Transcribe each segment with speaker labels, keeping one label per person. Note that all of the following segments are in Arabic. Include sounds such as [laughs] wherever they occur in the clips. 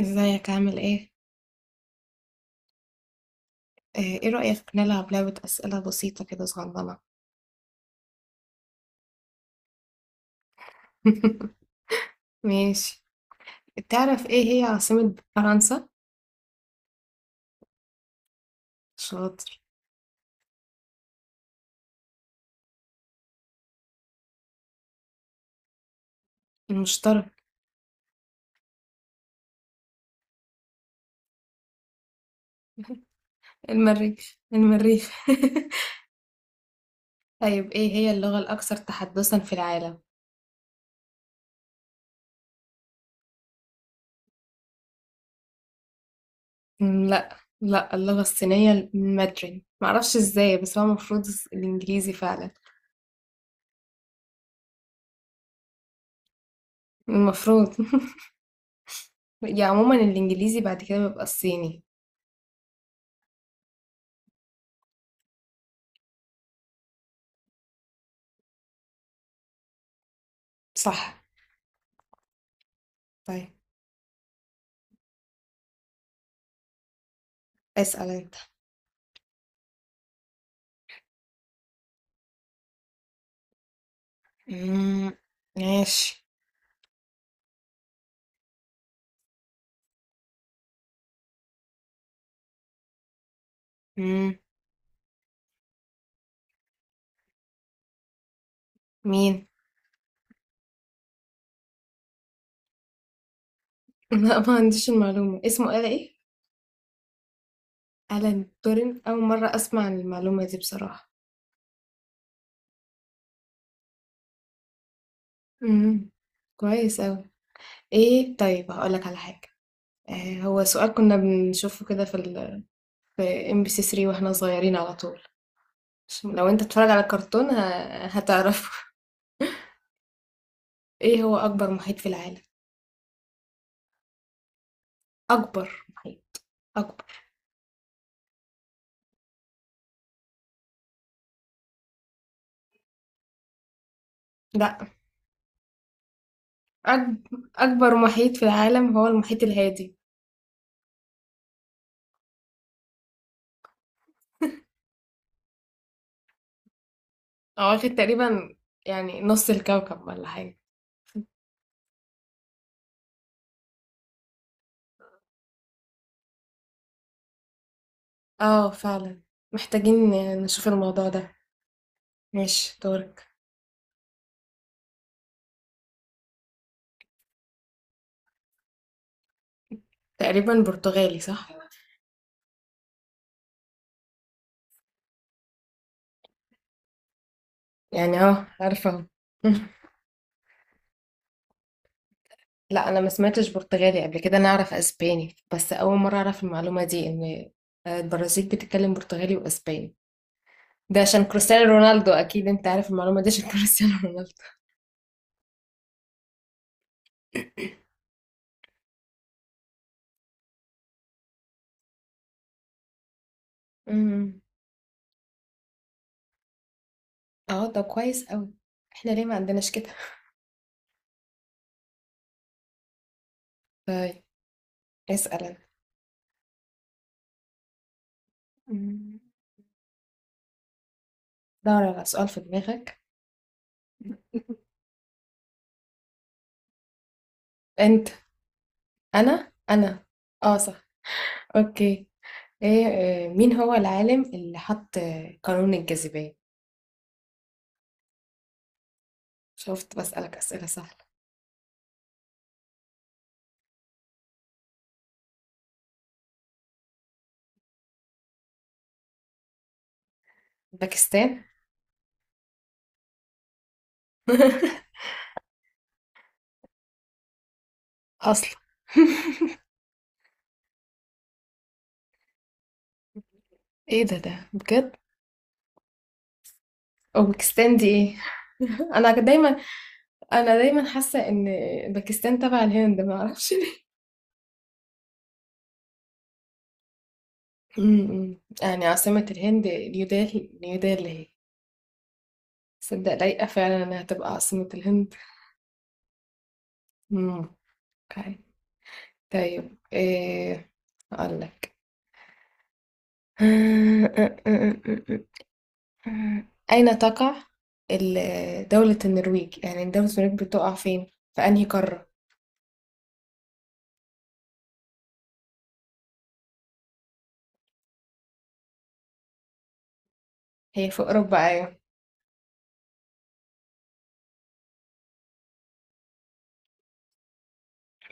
Speaker 1: ازيك عامل ايه؟ ايه رأيك نلعب لعبة أسئلة بسيطة كده صغننة؟ [laughs] ماشي. تعرف ايه هي عاصمة فرنسا؟ شاطر. المشترك. [laughs] المريخ المريخ. [laughs] طيب ايه هي اللغة الأكثر تحدثا في العالم؟ لا لا اللغة الصينية المادرين معرفش ازاي، بس هو المفروض الإنجليزي فعلا. المفروض. [laughs] يعني عموما الإنجليزي، بعد كده بيبقى الصيني. صح. طيب اسأل انت. مم، ماشي. إمم، مين؟ [laughs] لأ ما عنديش المعلومة، اسمه آلة إيه؟ آلان تورين، أول مرّة أسمع عن المعلومة دي بصراحة. إمم، كويس أوي. إيه طيب هاقول لك على حاجة، هو سؤال كنا بنشوفه كده في MBC 3 وإحنا صغيرين على طول، عشان لو أنت بتتفرّج على الكرتون هتعرفه. [laughs] إيه هو أكبر محيط في العالم؟ أكبر محيط، أكبر. لأ، أكب أكبر محيط في العالم هو المحيط الهادي، هو واخد تقريبًا يعني نُص الكوكب والّا حاجة. اه فعلا، محتاجين نشوف الموضوع ده. ماشي دورك. تقريبا برتغالي صح. يعني اه عارفه أهو. [laughs] لا انا ما سمعتش برتغالي قبل كده، انا اعرف اسباني بس، اول مره اعرف المعلومه دي، ان البرازيل بتتكلم برتغالي واسباني. ده عشان كريستيانو رونالدو اكيد انت عارف المعلومه دي عشان [laughs] كريستيانو رونالدو. امم. اه ده كويس قوي. احنا ليه ما عندناش كده؟ طيب اسال انا. أمم. دور على سؤال في دماغك. انت. انا. اه صح. اوكي. ايه مين هو العالم اللي حط قانون الجاذبية؟ شفت بسألك أسئلة سهلة. باكستان. [laughs] أصلا. [laughs] ايه ده بجد؟ اوزبكستان دي ايه؟ [laughs] انا دايما انا دايما حاسة ان باكستان تبع الهند، ما اعرفش ليه. [laughs] أمم. إمم. يعني عاصمة الهند نيودلهي. نيودلهي هي صدق لايقة فعلا انها تبقى عاصمة الهند. أمم. اوكي. طيب ايه، اقول لك. [laughs] مم. أين تقع دولة النرويج؟ يعني دولة النرويج بتقع فين؟ في أنهي قارة؟ هي في أوروبا أيوة.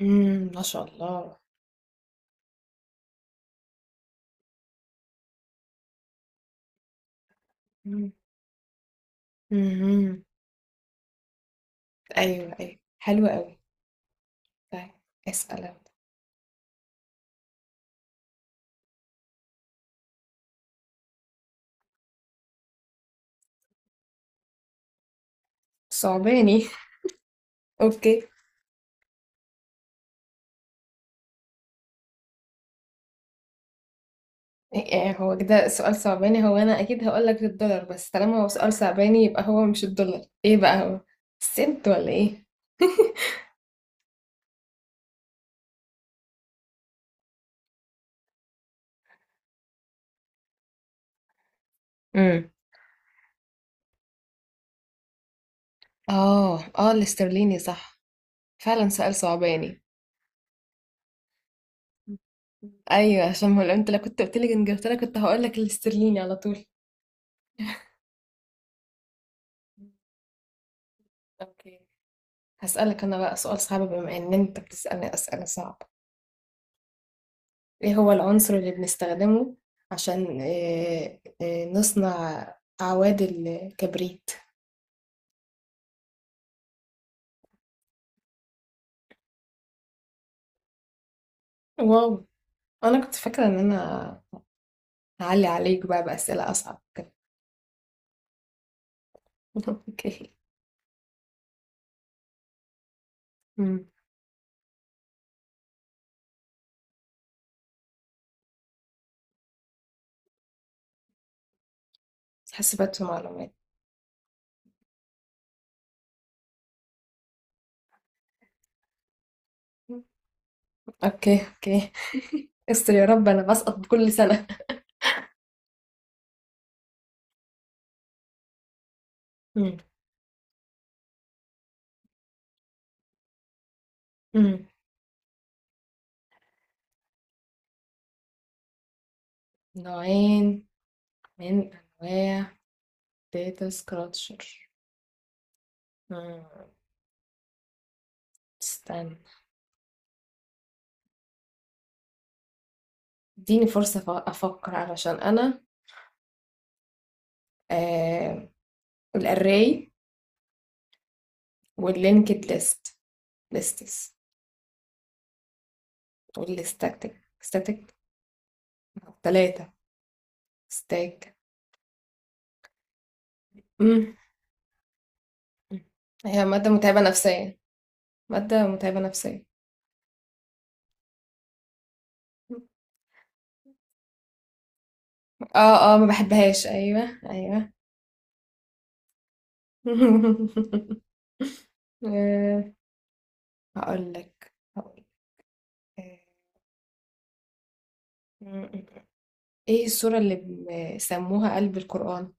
Speaker 1: مم. ما شاء الله. مم. مم. أيوة أيوة حلو أوي. طيب اسأل أنت. صعباني. [laughs] أوكي. يعني هو كده سؤال صعباني؟ هو أنا أكيد هقولك الدولار، بس طالما هو سؤال صعباني يبقى هو مش الدولار. إيه بقى هو؟ السنت ولا إيه؟ مم. آه آه الاسترليني صح. فعلا سؤال صعباني. ايوه عشان ما، لو انت لو كنت قلت لي انجلترا كنت هقول لك الاسترليني على طول. اوكي. هسألك انا بقى سؤال صعب، بما ان انت بتسألني أسئلة صعبة. ايه هو العنصر اللي بنستخدمه عشان إيه، إيه نصنع اعواد الكبريت؟ واو. انا كنت فاكرة ان انا هعلي عليك بقى بأسئلة اصعب كده. [laughs] اوكي. أمم. حاسبات ومعلومات. اوكي اوكي. استر يا رب، انا بسقط كل سنة. [laughs] أمم. أمم. نوعين من أنواع data structure. آه، استنى اديني فرصة أفكر علشان أنا. آه. الأري واللينكد ليستس. والستاتيك ستاتيك، ثلاثة. ستاك. مم. هي مادة متعبة نفسيا. اه اه ما بحبهاش، ايوه ايوه. [laughs] آه، هقول لك ايه السورة اللي بيسموها قلب القرآن؟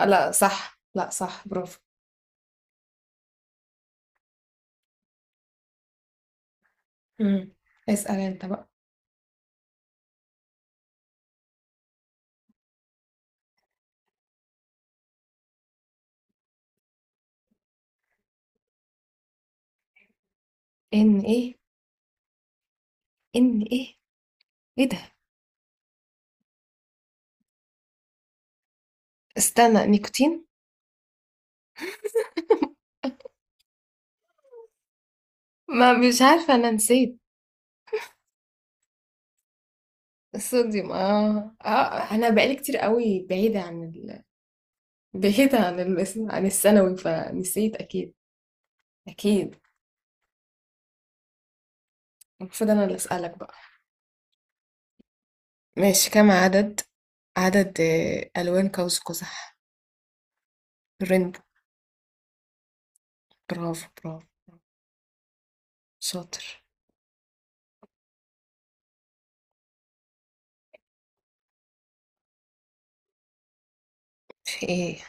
Speaker 1: لا صح لا صح برافو. مم. اسأل انت بقى. ان ايه؟ ان ايه؟ ايه ده؟ استنى، نيكوتين. ما مش عارفة، انا نسيت. الصوديوم اه اه. انا بقالي كتير قوي بعيدة عن ال... بعيدة عن ال... عن الثانوي فنسيت اكيد. اكيد. المفروض انا اللي اسألك بقى. ماشي. كم عدد ألوان قوس قزح؟ رينبو. برافو برافو. شاطر. في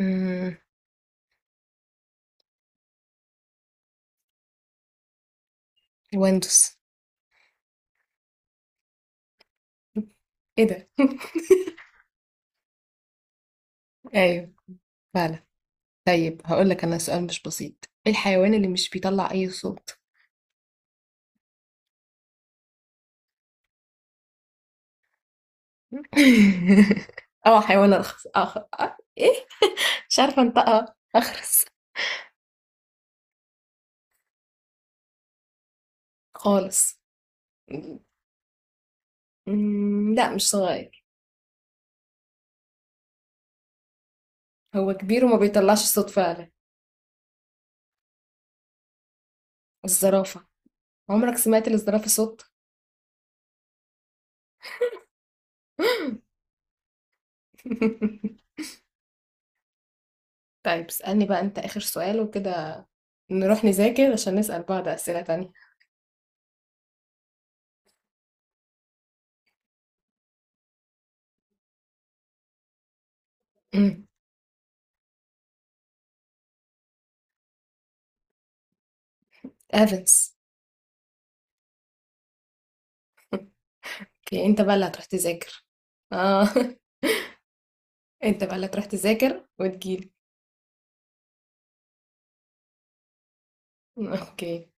Speaker 1: ايه؟ الوندوس. ايه ده؟ [laughs] ايوه فعلا. طيب هقول لك انا سؤال مش بسيط. ايه الحيوان اللي مش بيطلع اي صوت؟ [laughs] اه حيوان ارخص ايه، مش عارفه انطقها. اخرس. خالص. لا مش صغير. هو كبير وما بيطلعش صوت فعلا. الزرافه. عمرك سمعت للزرافه صوت؟ [laughs] طيب اسألني بقى انت اخر سؤال وكده نروح نذاكر عشان نسأل بعض اسئله تانية. أمم، ايفنز. اوكي انت بقى اللي هتروح تذاكر. اه. [laughs] انت بقى اللي هتروح تذاكر وتجيلي. [laughs] اوكي.